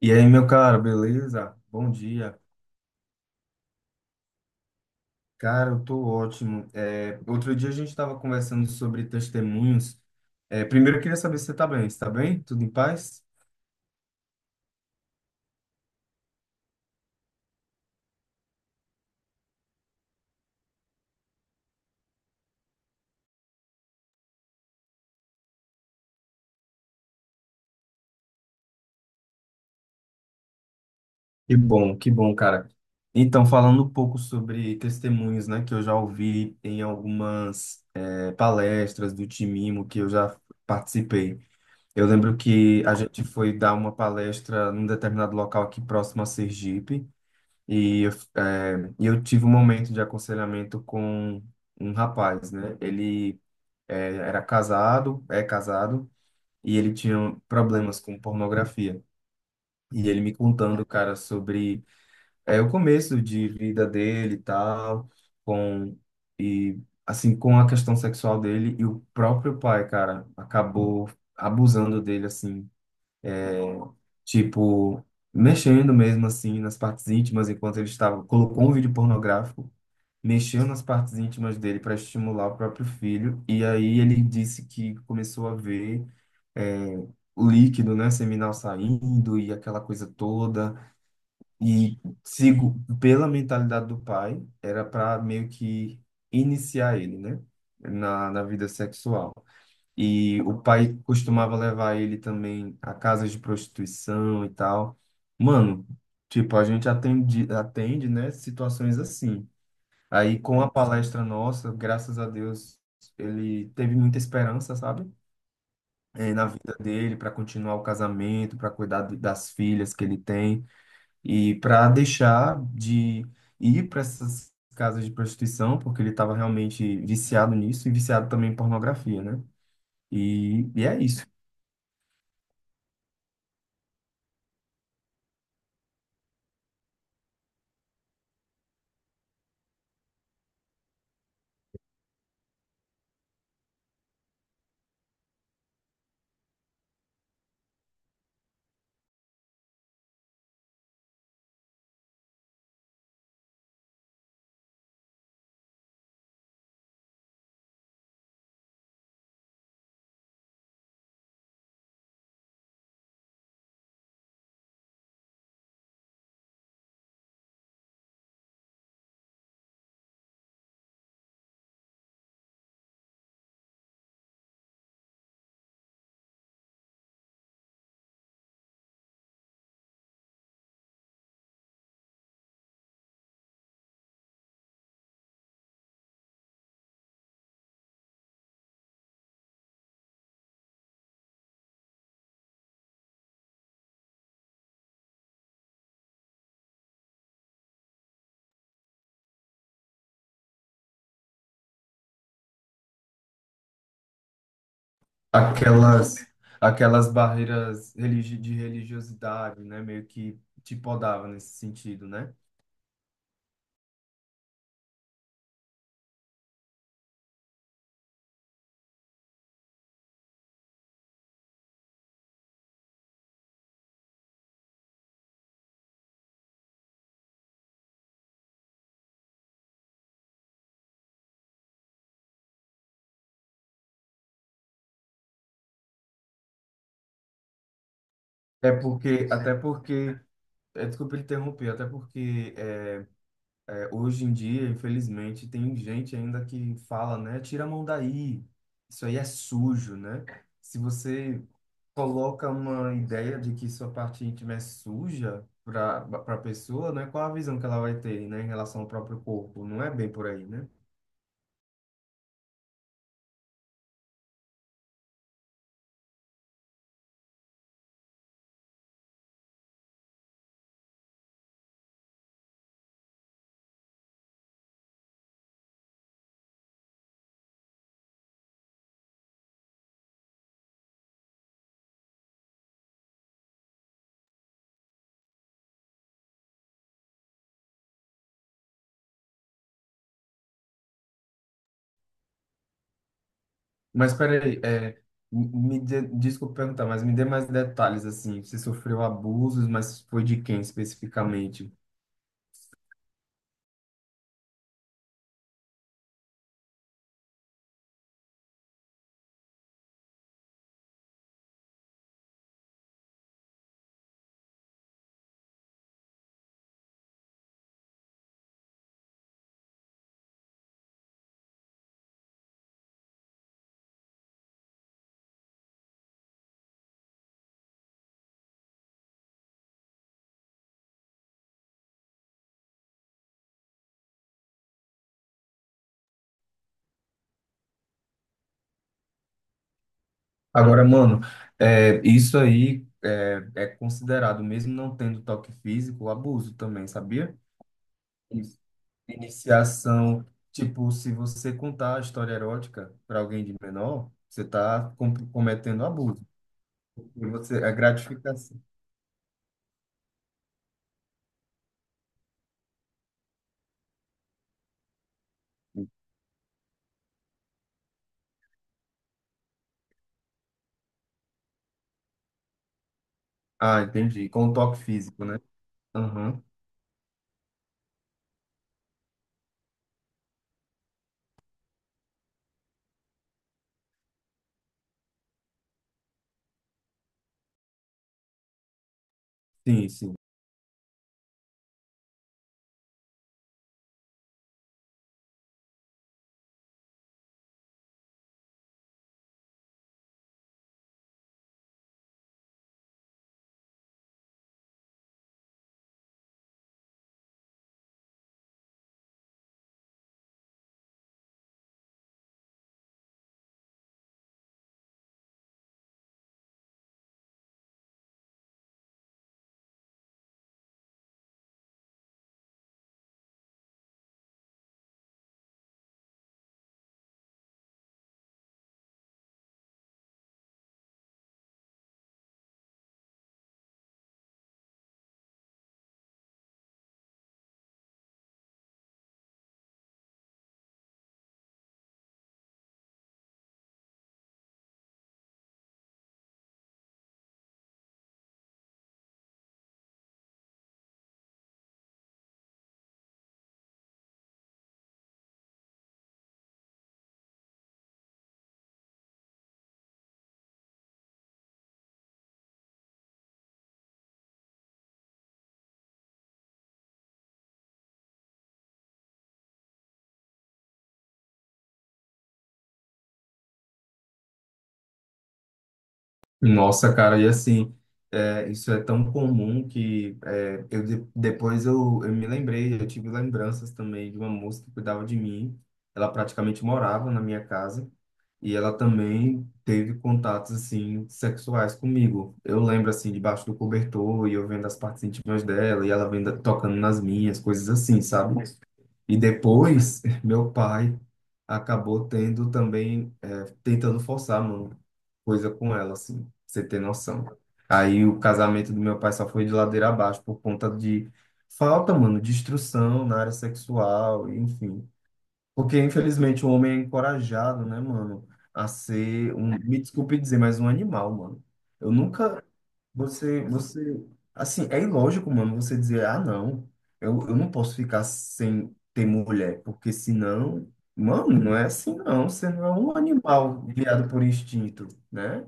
E aí, meu caro, beleza? Bom dia. Cara, eu tô ótimo. É, outro dia a gente estava conversando sobre testemunhos. É, primeiro eu queria saber se você tá bem. Está bem? Tudo em paz? Que bom, cara. Então, falando um pouco sobre testemunhos, né, que eu já ouvi em algumas palestras do Timimo que eu já participei. Eu lembro que a gente foi dar uma palestra num determinado local aqui próximo a Sergipe. E eu, e eu tive um momento de aconselhamento com um rapaz, né? Ele era casado, é casado, e ele tinha problemas com pornografia. E ele me contando, cara, sobre o começo de vida dele e tal, com, e assim, com a questão sexual dele, e o próprio pai, cara, acabou abusando dele, assim, tipo, mexendo mesmo, assim, nas partes íntimas, enquanto ele estava, colocou um vídeo pornográfico, mexeu nas partes íntimas dele para estimular o próprio filho. E aí ele disse que começou a ver é, o líquido, né, seminal saindo e aquela coisa toda. E sigo, pela mentalidade do pai, era para meio que iniciar ele, né, na vida sexual. E o pai costumava levar ele também a casas de prostituição e tal. Mano, tipo, a gente atende, atende, né, situações assim. Aí, com a palestra nossa, graças a Deus, ele teve muita esperança, sabe? Na vida dele, para continuar o casamento, para cuidar das filhas que ele tem e para deixar de ir para essas casas de prostituição, porque ele estava realmente viciado nisso e viciado também em pornografia, né? E é isso. Aquelas, aquelas barreiras religi de religiosidade, né? Meio que te podava nesse sentido, né? É porque, até porque. É, desculpa interromper, até porque é, hoje em dia, infelizmente, tem gente ainda que fala, né? Tira a mão daí, isso aí é sujo, né? Se você coloca uma ideia de que sua parte íntima é suja para a pessoa, né? Qual a visão que ela vai ter, né, em relação ao próprio corpo? Não é bem por aí, né? Mas peraí, é, me dê, desculpa perguntar, mas me dê mais detalhes assim. Você sofreu abusos, mas foi de quem especificamente? Agora, mano, é, isso aí é, é considerado, mesmo não tendo toque físico, abuso também, sabia? Isso. Iniciação, tipo, se você contar a história erótica para alguém de menor, você está cometendo abuso. E você, é gratificação. Ah, entendi. Com toque físico, né? Aham. Sim, sim. Nossa, cara, e assim, é, isso é tão comum que é, eu depois eu me lembrei, eu tive lembranças também de uma moça que cuidava de mim. Ela praticamente morava na minha casa e ela também teve contatos assim sexuais comigo. Eu lembro assim debaixo do cobertor e eu vendo as partes íntimas dela e ela vendo tocando nas minhas, coisas assim, sabe? E depois, meu pai acabou tendo também, é, tentando forçar, mano, coisa com ela, assim, pra você ter noção. Aí o casamento do meu pai só foi de ladeira abaixo por conta de falta, mano, de instrução na área sexual, enfim. Porque, infelizmente, o homem é encorajado, né, mano, a ser um, me desculpe dizer, mas um animal, mano. Eu nunca, você, assim, é ilógico, mano, você dizer, ah, não, eu não posso ficar sem ter mulher, porque senão, mano, não é assim, não, você não é um animal guiado por instinto, né?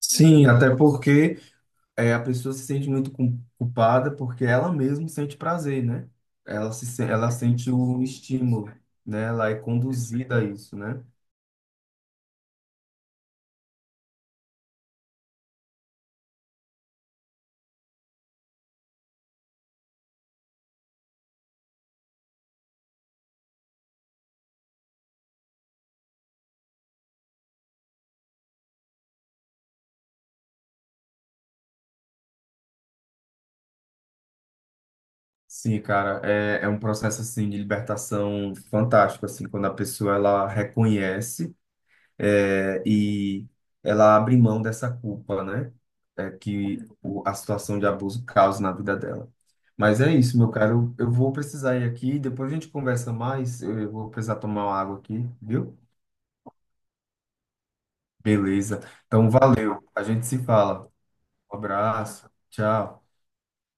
Sim, até porque é, a pessoa se sente muito culpada porque ela mesma sente prazer, né? Ela se, ela sente o estímulo, né? Ela é conduzida a isso, né? Sim, cara, é, é um processo assim de libertação fantástico, assim, quando a pessoa ela reconhece é, e ela abre mão dessa culpa, né? É, que a situação de abuso causa na vida dela. Mas é isso, meu caro. Eu vou precisar ir aqui. Depois a gente conversa mais. Eu vou precisar tomar uma água aqui, viu? Beleza. Então, valeu. A gente se fala. Um abraço. Tchau.